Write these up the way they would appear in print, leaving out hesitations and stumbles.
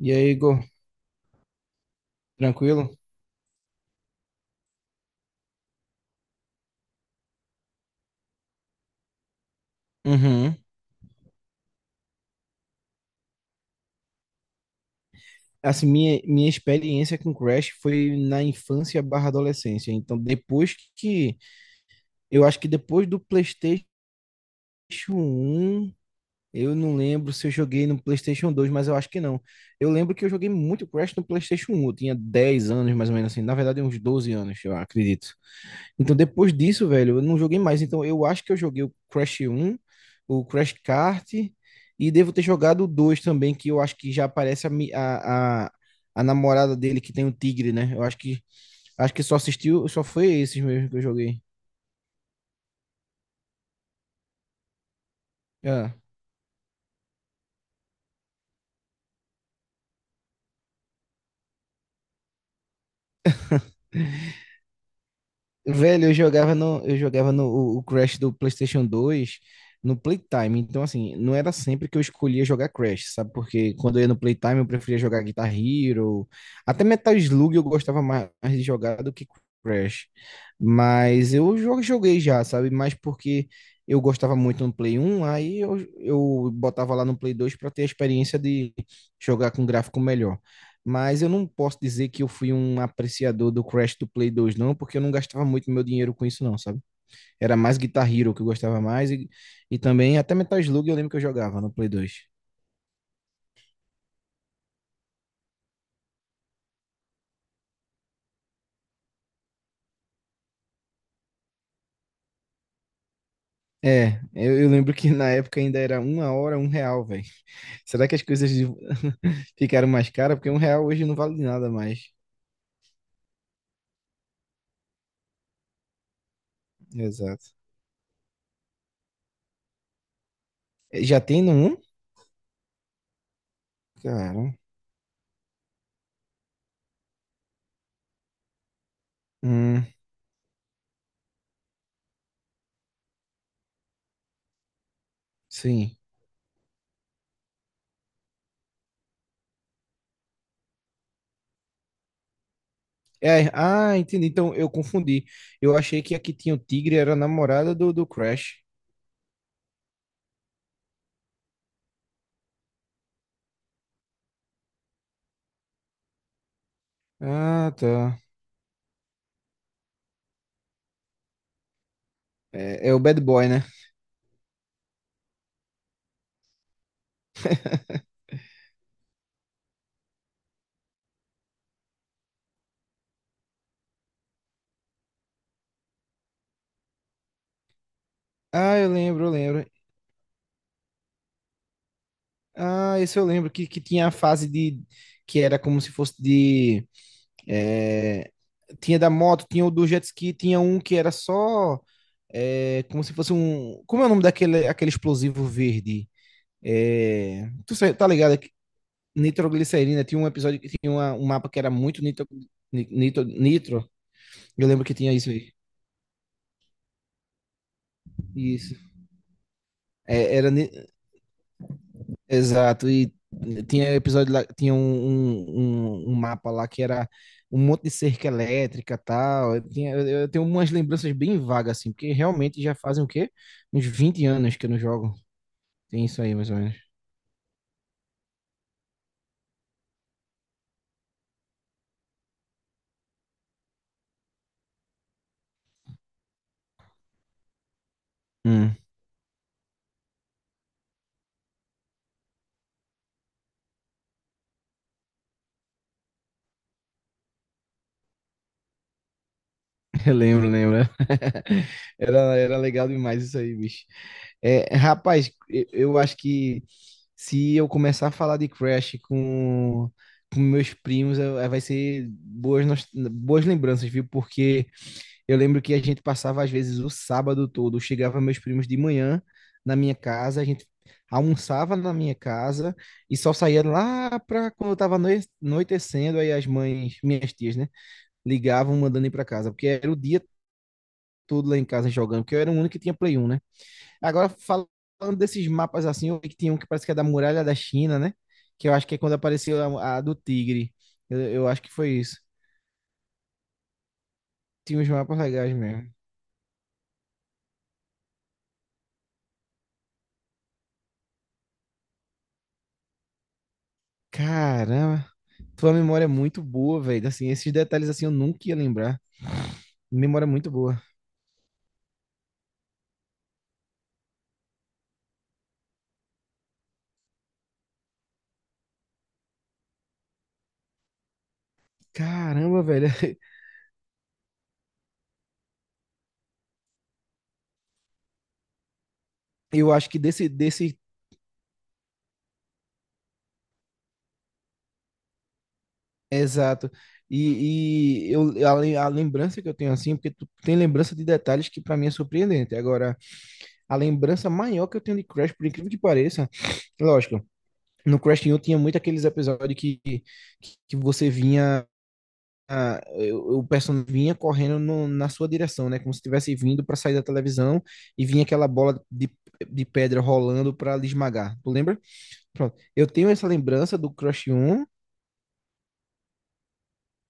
E aí, Igor, tranquilo? Uhum. Assim, minha experiência com Crash foi na infância barra adolescência. Eu acho que depois do PlayStation um eu não lembro se eu joguei no PlayStation dois, mas eu acho que não. Eu lembro que eu joguei muito Crash no PlayStation um. Eu tinha 10 anos, mais ou menos assim. Na verdade, uns 12 anos, eu acredito. Então, depois disso, velho, eu não joguei mais. Então, eu acho que eu joguei o Crash 1, o Crash Kart, e devo ter jogado o 2 também, que eu acho que já aparece a, mi- a namorada dele que tem um tigre, né? Eu acho que só assistiu, só foi esses mesmo que eu joguei. Ah. Velho, eu jogava no o Crash do PlayStation 2 no Playtime. Então, assim, não era sempre que eu escolhia jogar Crash, sabe? Porque quando eu ia no Playtime, eu preferia jogar Guitar Hero. Até Metal Slug eu gostava mais de jogar do que Crash. Mas eu joguei já, sabe? Mas porque eu gostava muito no Play 1, aí eu botava lá no Play 2 para ter a experiência de jogar com gráfico melhor. Mas eu não posso dizer que eu fui um apreciador do Crash do Play 2, não, porque eu não gastava muito meu dinheiro com isso, não, sabe? Era mais Guitar Hero que eu gostava mais, e também até Metal Slug eu lembro que eu jogava no Play 2. É, eu lembro que na época ainda era uma hora, um real, velho. Será que as coisas ficaram mais caras? Porque um real hoje não vale nada mais. Exato. Eh, já tem no um? Cara, hum, sim. É, ah, entendi. Então eu confundi. Eu achei que a que tinha o tigre era a namorada do, do Crash. Ah, tá. É, é o Bad Boy, né? Ah, eu lembro, eu lembro. Ah, esse eu lembro que tinha a fase de. Que era como se fosse de. É, tinha da moto, tinha o do jet ski, tinha um que era só. É, como se fosse um. Como é o nome daquele aquele explosivo verde? É, tá ligado? É que Nitroglicerina. Tinha um episódio que tinha um mapa que era muito nitro, nitro. Eu lembro que tinha isso aí. Isso. É, era Exato, e tinha episódio lá, tinha um um mapa lá que era um monte de cerca elétrica tal. Eu tenho umas lembranças bem vagas, assim, porque realmente já fazem o quê? Uns 20 anos que eu não jogo. Tem isso aí, mais ou menos. Hum, eu lembro, lembro. Era, era legal demais isso aí, bicho. É, rapaz, eu acho que se eu começar a falar de Crash com meus primos, vai ser boas, boas lembranças, viu? Porque eu lembro que a gente passava, às vezes, o sábado todo. Chegava meus primos de manhã na minha casa, a gente almoçava na minha casa e só saía lá para quando estava anoitecendo. Aí as mães, minhas tias, né, ligavam mandando ir para casa, porque era o dia todo lá em casa jogando, porque eu era o único que tinha Play 1, né? Agora, falando desses mapas assim, eu vi que tinha um que parece que é da Muralha da China, né? Que eu acho que é quando apareceu a do Tigre. Eu acho que foi isso. Tinha uns mapas legais mesmo. Caramba, tua memória é muito boa, velho. Assim, esses detalhes assim eu nunca ia lembrar. Memória muito boa. Caramba, velho. Eu acho que desse, desse, exato. A lembrança que eu tenho assim, porque tu tem lembrança de detalhes que pra mim é surpreendente. Agora, a lembrança maior que eu tenho de Crash, por incrível que pareça, lógico, no Crash 1 tinha muito aqueles episódios que você o personagem vinha correndo na sua direção, né? Como se estivesse vindo para sair da televisão e vinha aquela bola de pedra rolando para lhe esmagar. Tu lembra? Pronto. Eu tenho essa lembrança do Crush 1,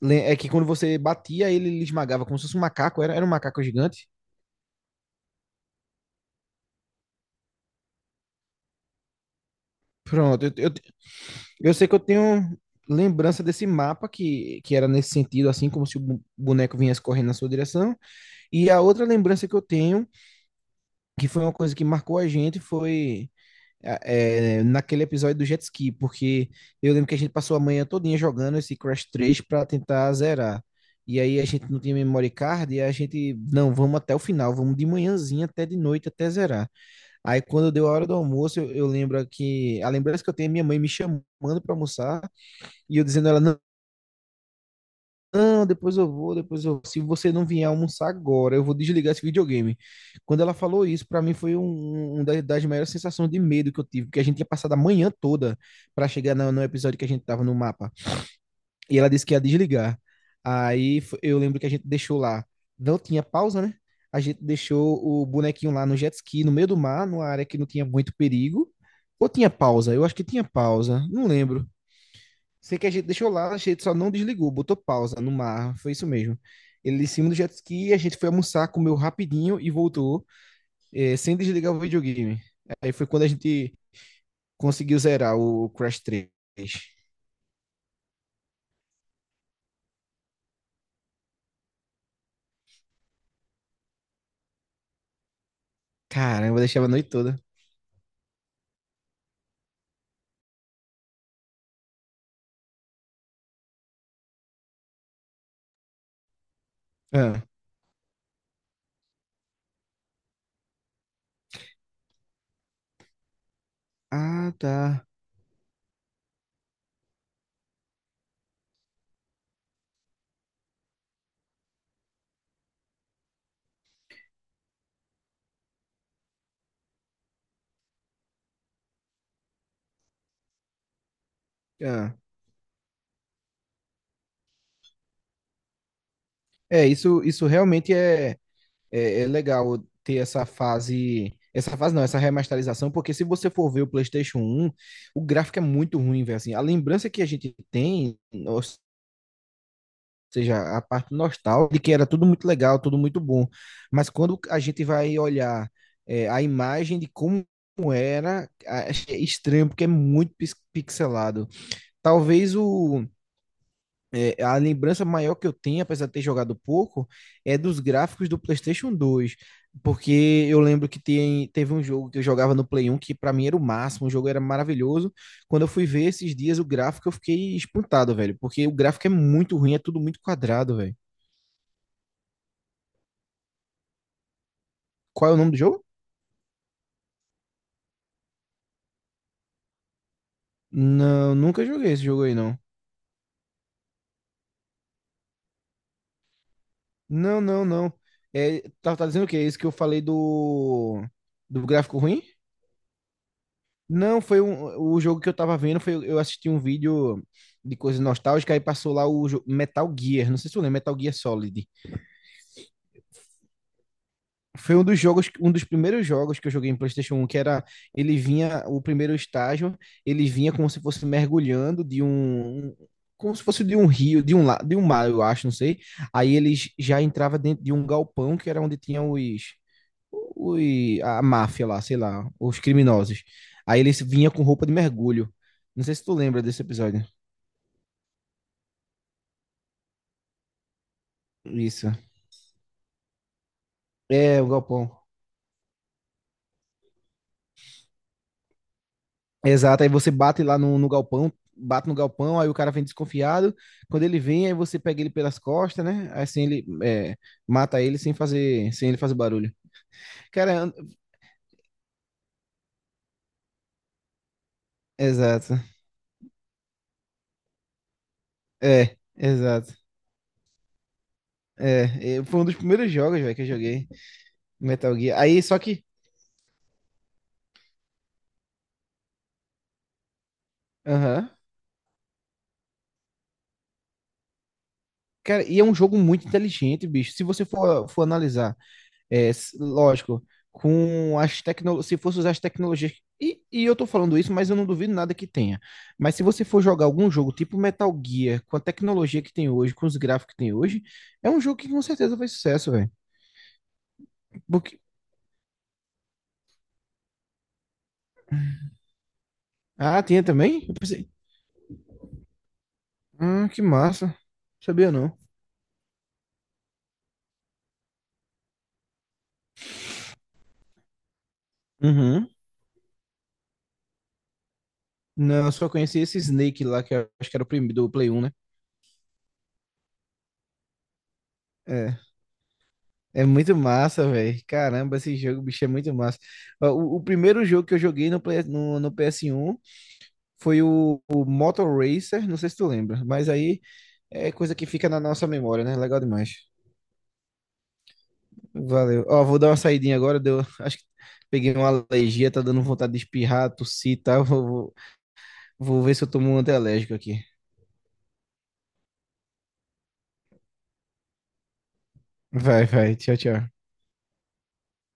é que quando você batia, ele lhe esmagava, como se fosse um macaco, era, era um macaco gigante. Pronto, eu sei que eu tenho lembrança desse mapa que era nesse sentido, assim, como se o boneco viesse correndo na sua direção. E a outra lembrança que eu tenho, que foi uma coisa que marcou a gente, foi. É, naquele episódio do jet ski, porque eu lembro que a gente passou a manhã todinha jogando esse Crash 3 para tentar zerar. E aí a gente não tinha memory card e a gente, não, vamos até o final, vamos de manhãzinha até de noite até zerar. Aí quando deu a hora do almoço, eu lembro que a lembrança que eu tenho é minha mãe me chamando para almoçar e eu dizendo a ela, não, depois eu vou. Se você não vier almoçar agora, eu vou desligar esse videogame. Quando ela falou isso, pra mim foi um das, das maiores sensações de medo que eu tive, porque a gente tinha passado a manhã toda pra chegar no episódio que a gente tava no mapa. E ela disse que ia desligar. Eu lembro que a gente deixou lá. Não tinha pausa, né? A gente deixou o bonequinho lá no jet ski, no meio do mar, numa área que não tinha muito perigo. Ou tinha pausa? Eu acho que tinha pausa, não lembro. Sei que a gente deixou lá, a gente só não desligou, botou pausa no mar, foi isso mesmo. Ele em cima do jet ski, a gente foi almoçar, comeu rapidinho e voltou, sem desligar o videogame. Aí foi quando a gente conseguiu zerar o Crash 3. Caramba, eu deixava a noite toda. Ah, ah, tá. Ah. Isso realmente é legal ter essa fase. Essa fase não, essa remasterização, porque se você for ver o PlayStation 1, o gráfico é muito ruim, velho. Assim, a lembrança que a gente tem, seja, a parte nostálgica, de que era tudo muito legal, tudo muito bom. Mas quando a gente vai olhar a imagem de como era, é estranho, porque é muito pixelado. Talvez o, a lembrança maior que eu tenho, apesar de ter jogado pouco, é dos gráficos do PlayStation 2. Porque eu lembro que teve um jogo que eu jogava no Play 1 que para mim era o máximo, o jogo era maravilhoso. Quando eu fui ver esses dias o gráfico, eu fiquei espantado, velho, porque o gráfico é muito ruim, é tudo muito quadrado, velho. Qual é o nome do jogo? Não, nunca joguei esse jogo aí, não. Não, não, não. É, tá, tá dizendo o quê? Esse que eu falei do, do gráfico ruim? Não, foi um, o jogo que eu tava vendo, foi, eu assisti um vídeo de coisa nostálgica, aí passou lá o Metal Gear, não sei se tu lembra, Metal Gear Solid. Foi um dos jogos, um dos primeiros jogos que eu joguei em PlayStation 1, que era ele vinha, o primeiro estágio, ele vinha como se fosse mergulhando de como se fosse de um rio, de de um mar, eu acho, não sei. Aí ele já entrava dentro de um galpão que era onde tinham os a máfia lá, sei lá, os criminosos. Aí ele vinha com roupa de mergulho. Não sei se tu lembra desse episódio. Isso. É, o galpão. Exato, aí você bate lá no galpão, bate no galpão, aí o cara vem desconfiado. Quando ele vem, aí você pega ele pelas costas, né? Aí assim ele é, mata ele sem fazer, sem ele fazer barulho. Cara, an- exato. É, exato. Foi um dos primeiros jogos, velho, que eu joguei Metal Gear. Aí, só que, aham. Cara, e é um jogo muito inteligente, bicho. Se você for, for analisar. É, lógico, se fosse usar as tecnologias. E eu tô falando isso, mas eu não duvido nada que tenha. Mas se você for jogar algum jogo tipo Metal Gear, com a tecnologia que tem hoje, com os gráficos que tem hoje, é um jogo que com certeza faz sucesso, velho. Porque... Ah, tinha também? Eu pensei, que massa. Sabia não. Uhum. Não, eu só conheci esse Snake lá, que eu acho que era o primeiro do Play 1, né? É. É muito massa, velho. Caramba, esse jogo, bicho, é muito massa. Ó, o primeiro jogo que eu joguei no PS1 foi o Motor Racer, não sei se tu lembra, mas aí é coisa que fica na nossa memória, né? Legal demais. Valeu. Ó, vou dar uma saidinha agora, deu, acho que peguei uma alergia, tá dando vontade de espirrar, tossir e tal. Vou ver se eu tomo um antialérgico aqui. Vai, vai. Tchau, tchau.